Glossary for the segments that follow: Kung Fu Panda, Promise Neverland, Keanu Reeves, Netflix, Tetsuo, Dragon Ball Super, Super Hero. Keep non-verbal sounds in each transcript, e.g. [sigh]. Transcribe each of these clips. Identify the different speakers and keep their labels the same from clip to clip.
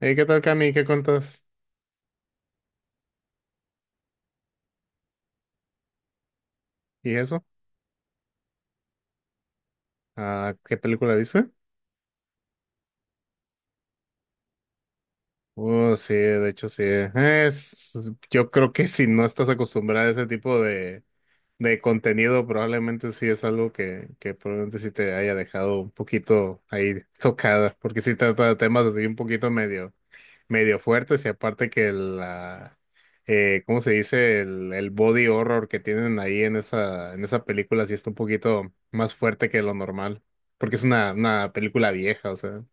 Speaker 1: Hey, ¿qué tal, Cami? ¿Qué cuentas? ¿Y eso? ¿Qué película viste? Oh, sí, de hecho sí. Yo creo que si no estás acostumbrada a ese tipo de contenido, probablemente sí es algo que probablemente sí te haya dejado un poquito ahí tocada, porque sí trata de temas así un poquito medio fuertes y aparte que la, ¿cómo se dice? El body horror que tienen ahí en en esa película sí está un poquito más fuerte que lo normal, porque es una película vieja, o sea.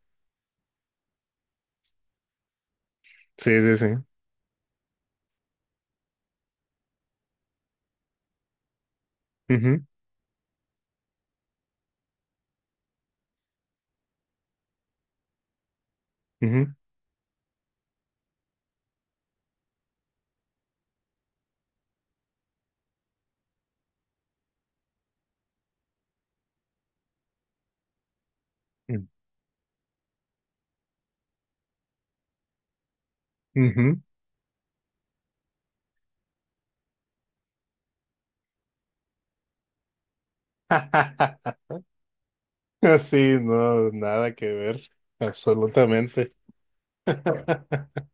Speaker 1: Sí, sí, sí. Ujú, ujú, ujú. [laughs] Sí, no, nada que ver, absolutamente. [laughs]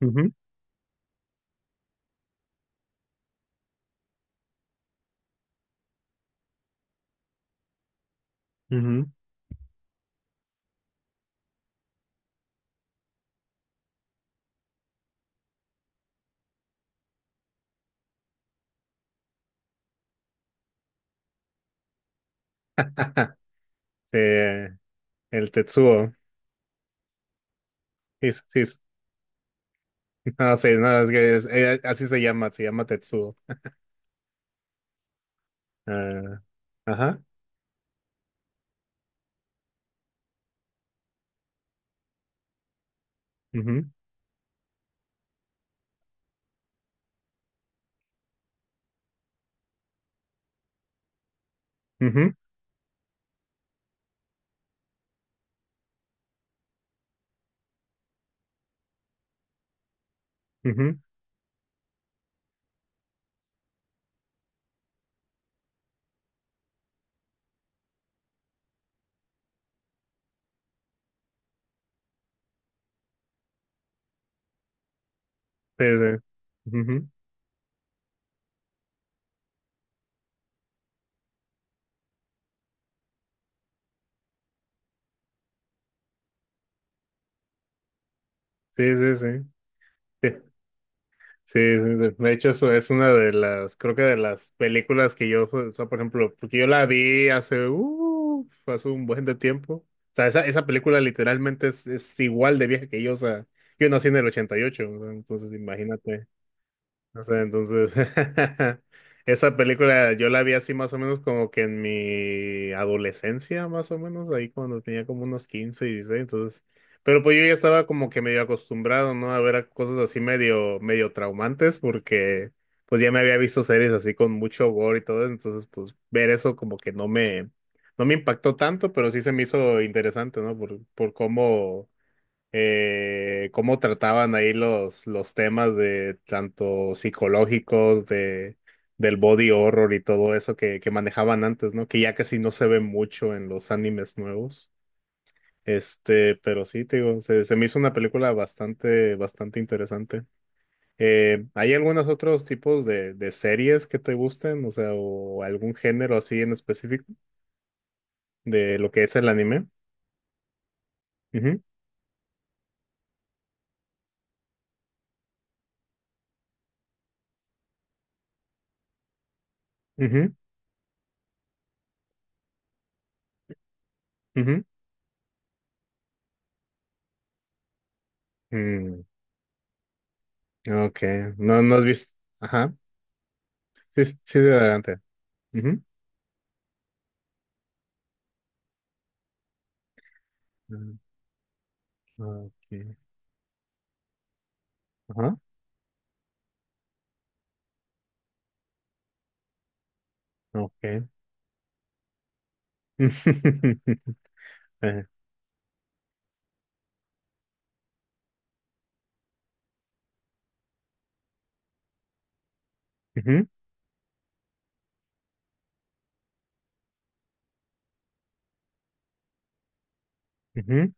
Speaker 1: Ujú, ujú. [laughs] Sí, el Tetsuo. Sí, sí, sí. No, sí, no, es que así se llama Tetsuo. Ah, ajá. Ujú, ujú, ujú, sí, sí. Ujú, sí, sí, sí. Sí, sí, sí. De hecho, eso es una de las, creo que de las películas que yo, o sea, por ejemplo, porque yo la vi hace, hace un buen de tiempo. O sea, esa película literalmente es igual de vieja que yo, o sea, yo nací en el 88, o sea, entonces imagínate. O sea, entonces, [laughs] esa película yo la vi así más o menos como que en mi adolescencia, más o menos, ahí cuando tenía como unos 15 y 16, entonces, pero pues yo ya estaba como que medio acostumbrado, ¿no? A ver a cosas así medio, medio traumantes, porque pues ya me había visto series así con mucho gore y todo eso, entonces pues ver eso como que no me impactó tanto, pero sí se me hizo interesante, ¿no? Por cómo cómo trataban ahí los temas de tanto psicológicos, de, del body horror y todo eso que manejaban antes, ¿no? Que ya casi no se ve mucho en los animes nuevos. Este, pero sí, te digo, se me hizo una película bastante, bastante interesante. ¿Hay algunos otros tipos de series que te gusten? O sea, o algún género así en específico de lo que es el anime. Ujú, ujú, ujú. Mm, ok, no, no has visto. Ajá. Sí, sí, sí, de adelante. Ujú. Ah, ok. Ajá. Ok. [laughs] Eh, ujú, ujú.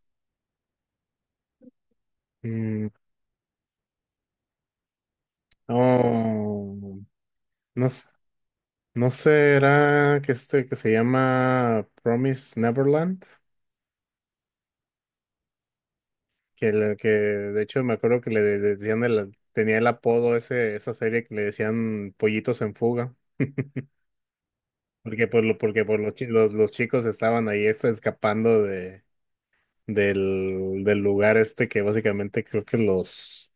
Speaker 1: Mm, oh, no, s- no será que este que se llama Promise Neverland, que de hecho me acuerdo que decían el, tenía el apodo ese, esa serie que le decían Pollitos en Fuga, porque por lo, porque por los chicos estaban ahí este, escapando de del lugar este que básicamente creo que los,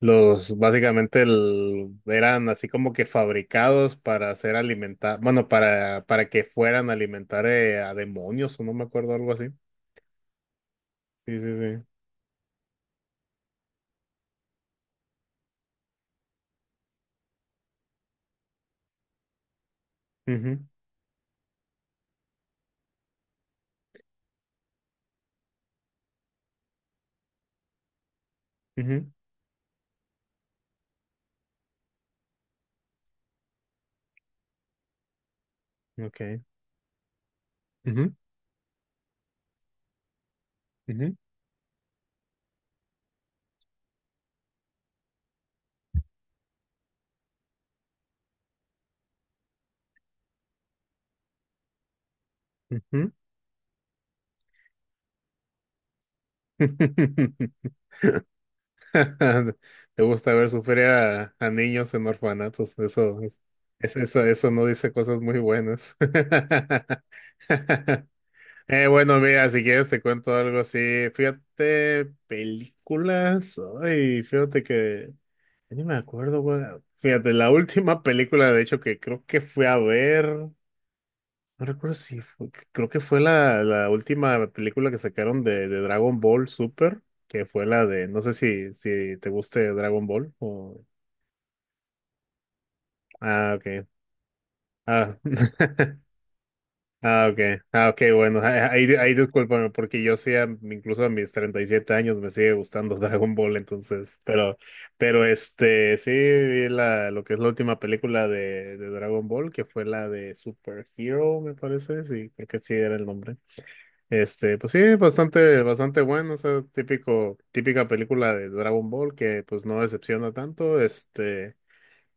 Speaker 1: los, básicamente eran así como que fabricados para hacer alimentar, bueno, para que fueran a alimentar a demonios o no me acuerdo, algo así. Sí, sí, sí. Ujú, ujú, ok. Ujú, ujú, ujú. [laughs] Te gusta ver sufrir a niños en orfanatos, eso, es- eso no dice cosas muy buenas. [laughs] Bueno, mira, si quieres te cuento algo así. Fíjate, películas. Ay, fíjate que ya ni me acuerdo, güey. Fíjate, la última película, de hecho, que creo que fui a ver. No recuerdo si fue. Creo que fue la última película que sacaron de Dragon Ball Super. Que fue la de. No sé si te guste Dragon Ball. O... Ah, ok. Ah. [laughs] Ah, ok. Ah, ok, bueno. Ahí, ahí discúlpame, porque yo sí, incluso a mis 37 años me sigue gustando [laughs] Dragon Ball, pero este, sí vi lo que es la última película de Dragon Ball, que fue la de Super Hero, me parece, sí, creo que sí era el nombre. Este, pues sí, bastante, bastante bueno, o sea, típico, típica película de Dragon Ball que pues no decepciona tanto, este,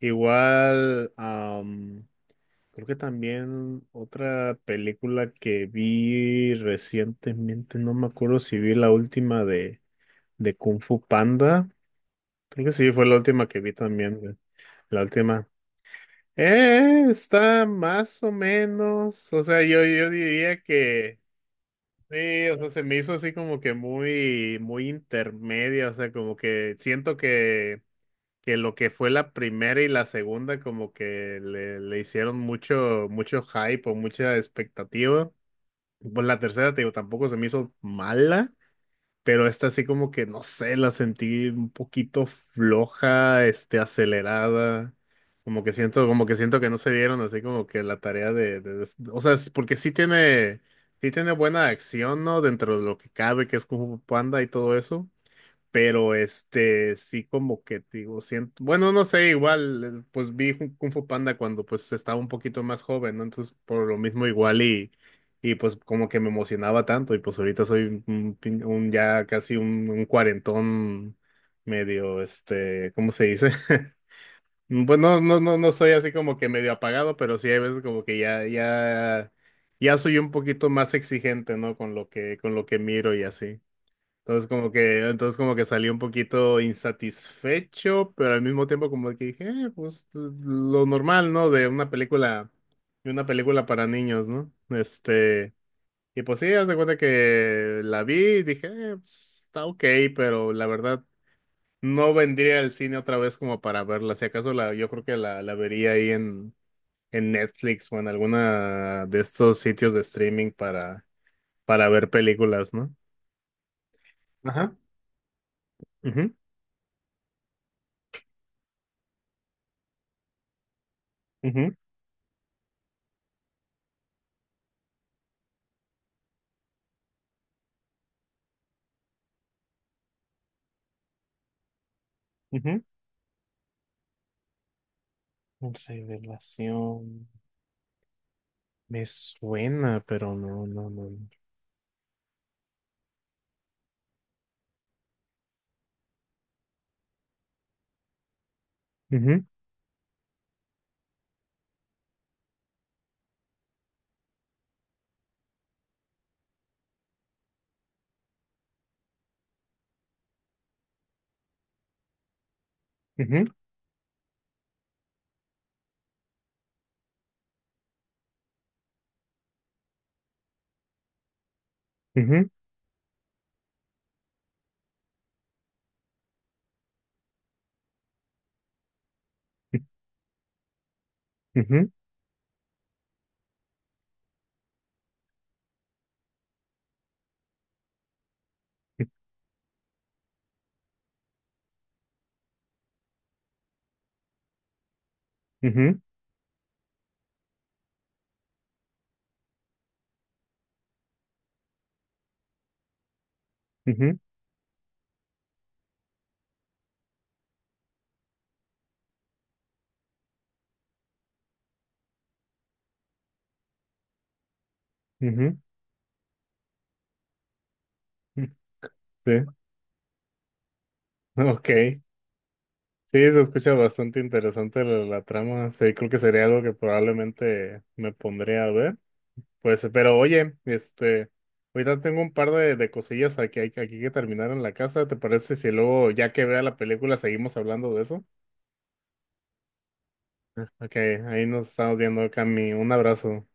Speaker 1: igual, creo que también otra película que vi recientemente, no me acuerdo si vi la última de Kung Fu Panda. Creo que sí, fue la última que vi también, güey. La última. Está más o menos. O sea, yo diría que sí, o sea, se me hizo así como que muy, muy intermedia. O sea, como que siento que lo que fue la primera y la segunda, como que le hicieron mucho, mucho hype o mucha expectativa. Pues la tercera, te digo, tampoco se me hizo mala, pero esta sí como que, no sé, la sentí un poquito floja, este, acelerada. Como que siento que no se dieron así como que la tarea de o sea, es porque sí tiene buena acción, ¿no? Dentro de lo que cabe, que es como Panda y todo eso. Pero este, sí como que te digo, siento, bueno, no sé, igual, pues vi Kung Fu Panda cuando pues estaba un poquito más joven, ¿no? Entonces, por lo mismo y pues como que me emocionaba tanto y pues ahorita soy un, un ya casi un cuarentón medio, este, ¿cómo se dice? [laughs] Bueno, no, no, no soy así como que medio apagado, pero sí hay veces como que ya soy un poquito más exigente, ¿no? Con lo que miro y así. Entonces como que salí un poquito insatisfecho, pero al mismo tiempo como que dije, pues lo normal, ¿no? De una película para niños, ¿no? Este, y pues sí, haz de cuenta que la vi y dije, pues, está ok, pero la verdad no vendría al cine otra vez como para verla. Si acaso la, yo creo que la vería ahí en Netflix o en alguna de estos sitios de streaming para ver películas, ¿no? Ajá. Ujú, ujú, ujú. Revelación. Me suena, pero no, no, no. No. Ujú, ujú, ujú, ujú, ujú, ujú, ujú, ujú. Sí, ok. Sí, se escucha bastante interesante la, la trama. Sí, creo que sería algo que probablemente me pondría a ver. Pues, pero oye, este, ahorita tengo un par de cosillas aquí, aquí que terminar en la casa. ¿Te parece si luego, ya que vea la película, seguimos hablando de eso? Ok, ahí nos estamos viendo, Cami. Un abrazo.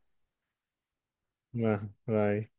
Speaker 1: Bye. Bye.